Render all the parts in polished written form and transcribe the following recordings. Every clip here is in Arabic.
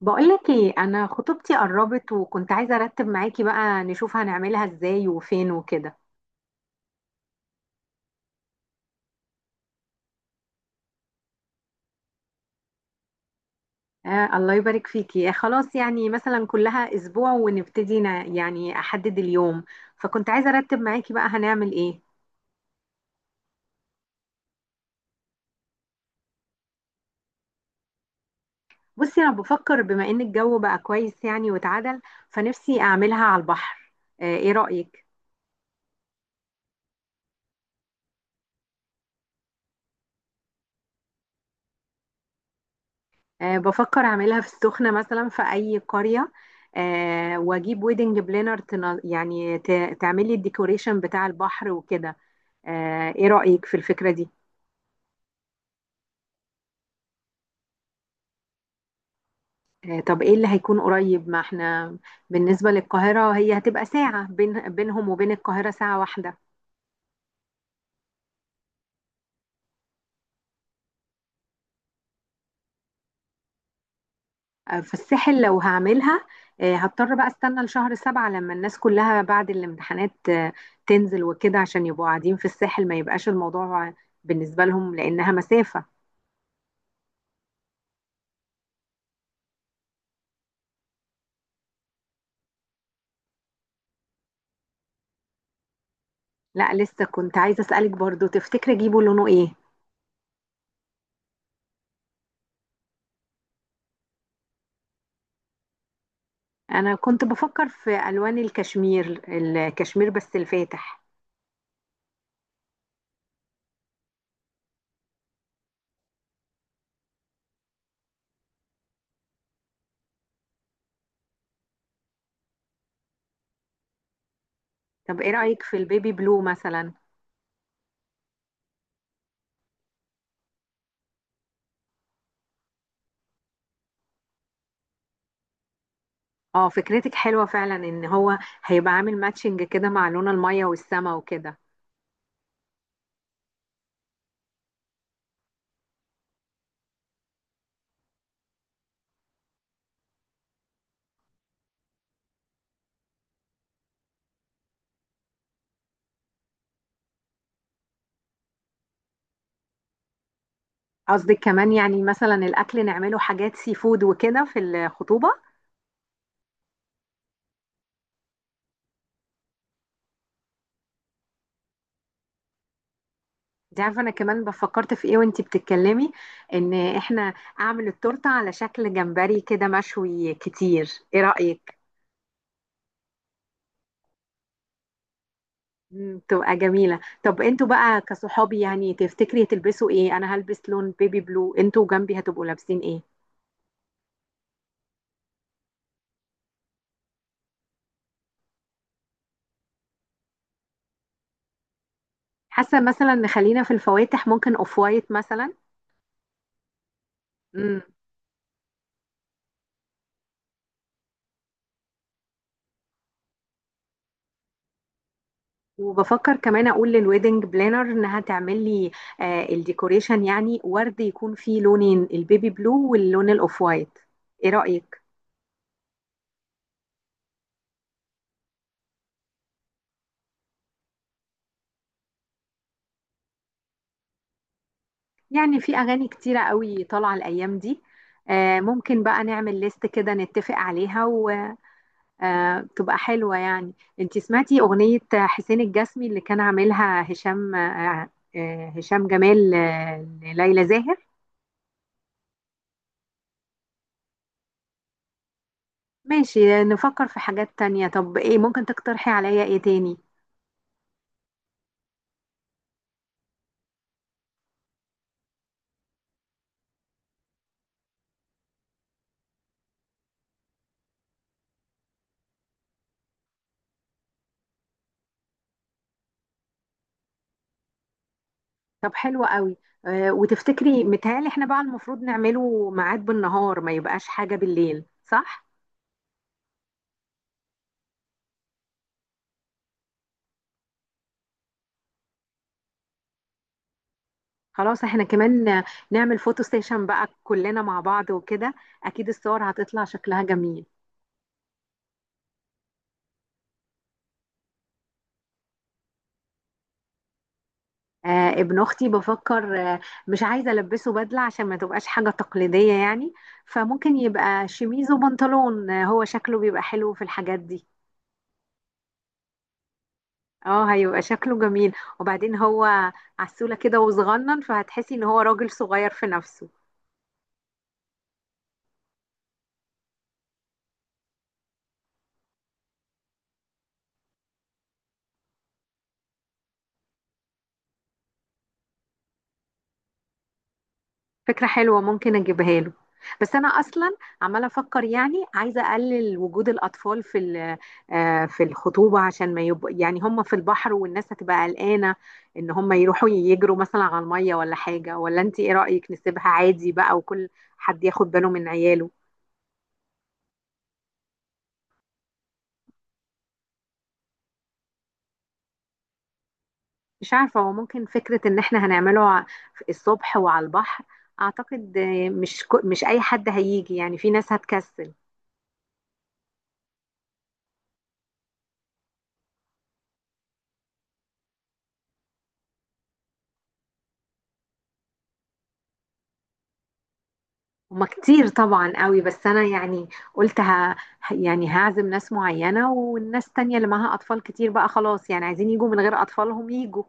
بقولك ايه، انا خطوبتي قربت وكنت عايزه ارتب معاكي بقى نشوف هنعملها ازاي وفين وكده. آه، الله يبارك فيكي. خلاص يعني مثلا كلها اسبوع ونبتدي يعني احدد اليوم. فكنت عايزه ارتب معاكي بقى هنعمل ايه؟ بصي، انا بفكر بما ان الجو بقى كويس يعني واتعدل، فنفسي اعملها على البحر. ايه رأيك؟ آه، بفكر اعملها في السخنه مثلا في اي قريه. واجيب ويدنج بلانر. يعني تعملي الديكوريشن بتاع البحر وكده. ايه رأيك في الفكرة دي؟ طب ايه اللي هيكون قريب؟ ما احنا بالنسبة للقاهرة هي هتبقى ساعة، بينهم وبين القاهرة ساعة واحدة. آه، فالساحل لو هعملها، هضطر بقى استنى لشهر سبعة لما الناس كلها بعد الامتحانات تنزل وكده عشان يبقوا قاعدين في الساحل، ما يبقاش الموضوع بالنسبة لهم لأنها مسافة. لا لسه، كنت عايزة أسألك برضو، تفتكري اجيبه لونه ايه؟ انا كنت بفكر في ألوان الكشمير بس الفاتح. طب ايه رأيك في البيبي بلو مثلا؟ اه، فكرتك حلوة فعلا. ان هو هيبقى عامل ماتشنج كده مع لون المية والسما وكده. قصدك كمان يعني مثلا الاكل نعمله حاجات سي فود وكده في الخطوبة؟ انت عارفة انا كمان بفكرت في ايه وانت بتتكلمي؟ ان احنا اعمل التورتة على شكل جمبري كده مشوي كتير. ايه رأيك؟ مم، تبقى جميلة. طب انتوا بقى كصحابي يعني تفتكري تلبسوا ايه؟ انا هلبس لون بيبي بلو، انتوا جنبي هتبقوا لابسين ايه؟ حاسة مثلا نخلينا في الفواتح، ممكن اوف وايت مثلا. وبفكر كمان اقول للويدنج بلانر انها تعمل لي الديكوريشن، يعني ورد يكون فيه لونين، البيبي بلو واللون الاوف وايت. ايه رأيك؟ يعني في اغاني كتيرة قوي طالعة الايام دي. ممكن بقى نعمل ليست كده نتفق عليها وتبقى حلوة يعني. انتي سمعتي اغنية حسين الجسمي اللي كان عاملها هشام؟ هشام جمال، ليلى زاهر. ماشي، نفكر في حاجات تانية. طب ايه ممكن تقترحي عليا ايه تاني؟ طب حلو قوي. وتفتكري متهيألي احنا بقى المفروض نعمله ميعاد بالنهار، ما يبقاش حاجة بالليل، صح؟ خلاص احنا كمان نعمل فوتو ستيشن بقى كلنا مع بعض وكده. اكيد الصور هتطلع شكلها جميل. آه، ابن اختي بفكر. مش عايزة البسه بدلة عشان ما تبقاش حاجة تقليدية يعني. فممكن يبقى شميز وبنطلون. هو شكله بيبقى حلو في الحاجات دي. اه، هيبقى شكله جميل. وبعدين هو عسولة كده وصغنن، فهتحسي ان هو راجل صغير في نفسه. فكرة حلوة، ممكن اجيبها له. بس انا اصلا عمالة افكر، يعني عايزة اقلل وجود الاطفال في الخطوبة، عشان ما يبقوا يعني هم في البحر والناس هتبقى قلقانة ان هم يروحوا يجروا مثلا على المية ولا حاجة. ولا انت ايه رأيك نسيبها عادي بقى وكل حد ياخد باله من عياله؟ مش عارفة، هو ممكن فكرة ان احنا هنعمله الصبح وعلى البحر. اعتقد مش اي حد هيجي، يعني في ناس هتكسل. هما كتير طبعا قوي، بس انا يعني قلت يعني هعزم ناس معينة، والناس تانية اللي معاها اطفال كتير بقى خلاص، يعني عايزين يجوا من غير اطفالهم يجوا.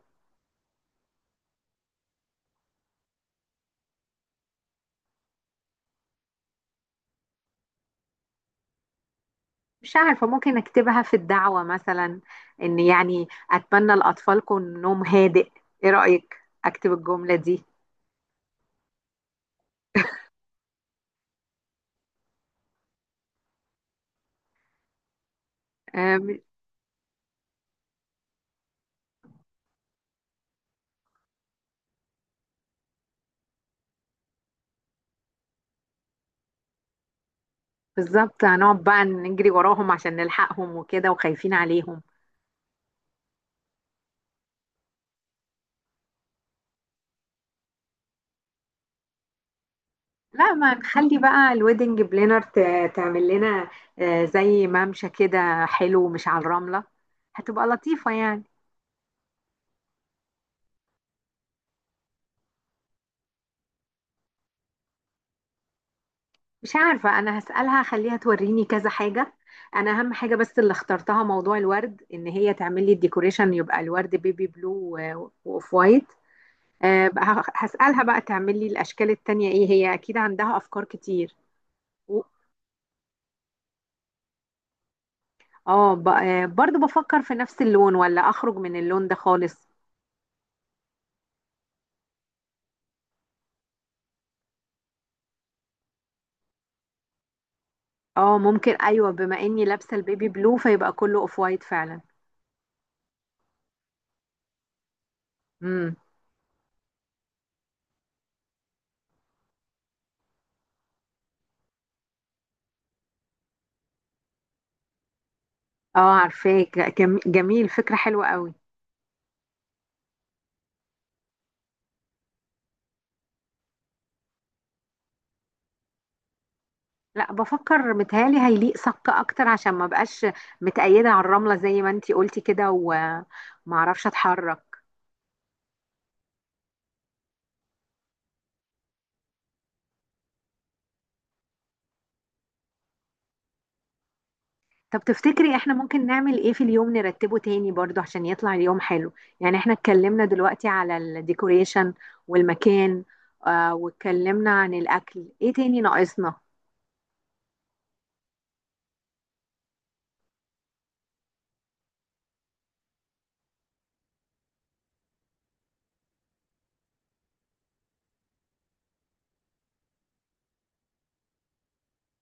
مش عارفة، ممكن اكتبها في الدعوة مثلا، ان يعني اتمنى لاطفالكم نوم هادئ. ايه رأيك اكتب الجملة دي؟ آه، بالظبط. هنقعد بقى نجري وراهم عشان نلحقهم وكده وخايفين عليهم. لا، ما نخلي بقى الويدنج بلانر تعمل لنا زي ممشى كده حلو، مش على الرملة. هتبقى لطيفة يعني. مش عارفة، أنا هسألها خليها توريني كذا حاجة. أنا أهم حاجة بس اللي اخترتها موضوع الورد، إن هي تعمل لي الديكوريشن يبقى الورد بيبي بلو وأوف وايت. بقى هسألها بقى تعمل لي الأشكال التانية إيه، هي أكيد عندها أفكار كتير. و- اه، برضو بفكر في نفس اللون، ولا أخرج من اللون ده خالص؟ اه ممكن، ايوه، بما اني لابسه البيبي بلو فيبقى كله اوف وايت فعلا. امم. اه عارفاك. لا، جميل، فكره حلوه قوي. لا، بفكر متهيالي هيليق صك اكتر، عشان ما بقاش متقيده على الرمله زي ما انتي قلتي كده، وما اعرفش اتحرك. طب تفتكري احنا ممكن نعمل ايه في اليوم نرتبه تاني برضو عشان يطلع اليوم حلو؟ يعني احنا اتكلمنا دلوقتي على الديكوريشن والمكان، واتكلمنا عن الاكل. ايه تاني ناقصنا؟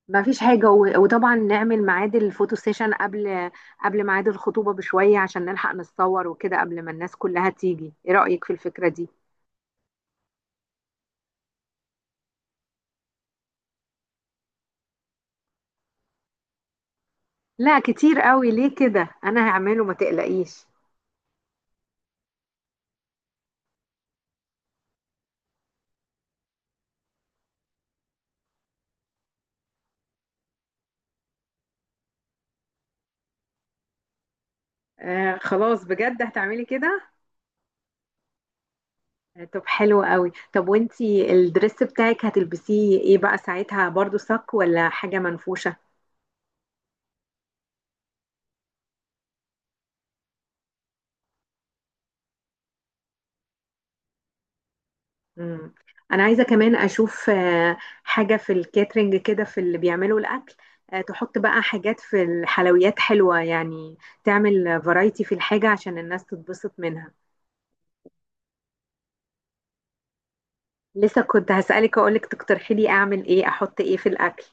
ما فيش حاجة. وطبعا نعمل ميعاد الفوتو سيشن قبل ميعاد الخطوبة بشوية عشان نلحق نتصور وكده قبل ما الناس كلها تيجي. ايه رأيك في الفكرة دي؟ لا كتير قوي، ليه كده؟ انا هعمله، ما تقلقيش. آه، خلاص، بجد هتعملي كده؟ آه، طب حلو قوي. طب وانتي الدريس بتاعك هتلبسيه ايه بقى ساعتها، برضو صك ولا حاجة منفوشة؟ مم. انا عايزه كمان اشوف حاجه في الكاترينج كده، في اللي بيعملوا الاكل. تحط بقى حاجات في الحلويات حلوه يعني، تعمل فرايتي في الحاجه عشان الناس تتبسط منها. لسه كنت هسالك اقولك تقترحي لي اعمل ايه، احط ايه في الاكل.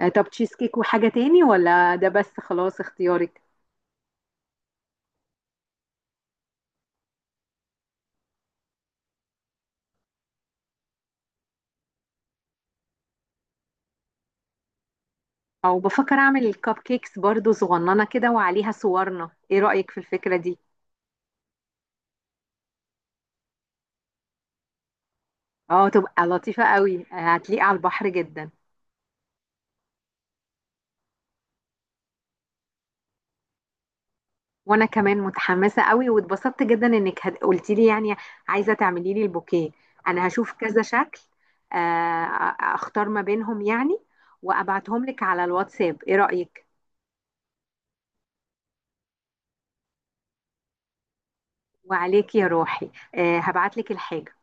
آه، طب تشيز كيك وحاجه تاني ولا ده بس؟ خلاص، اختيارك. او بفكر اعمل الكب كيكس برضو صغننه كده وعليها صورنا. ايه رايك في الفكره دي؟ اه، تبقى لطيفه قوي. هتليق على البحر جدا. وانا كمان متحمسه قوي، واتبسطت جدا انك قلتي لي يعني عايزه تعملي لي البوكيه. انا هشوف كذا شكل، آه، اختار ما بينهم يعني، وابعتهم لك على الواتساب. ايه رايك؟ وعليك يا روحي. آه، هبعت لك الحاجه.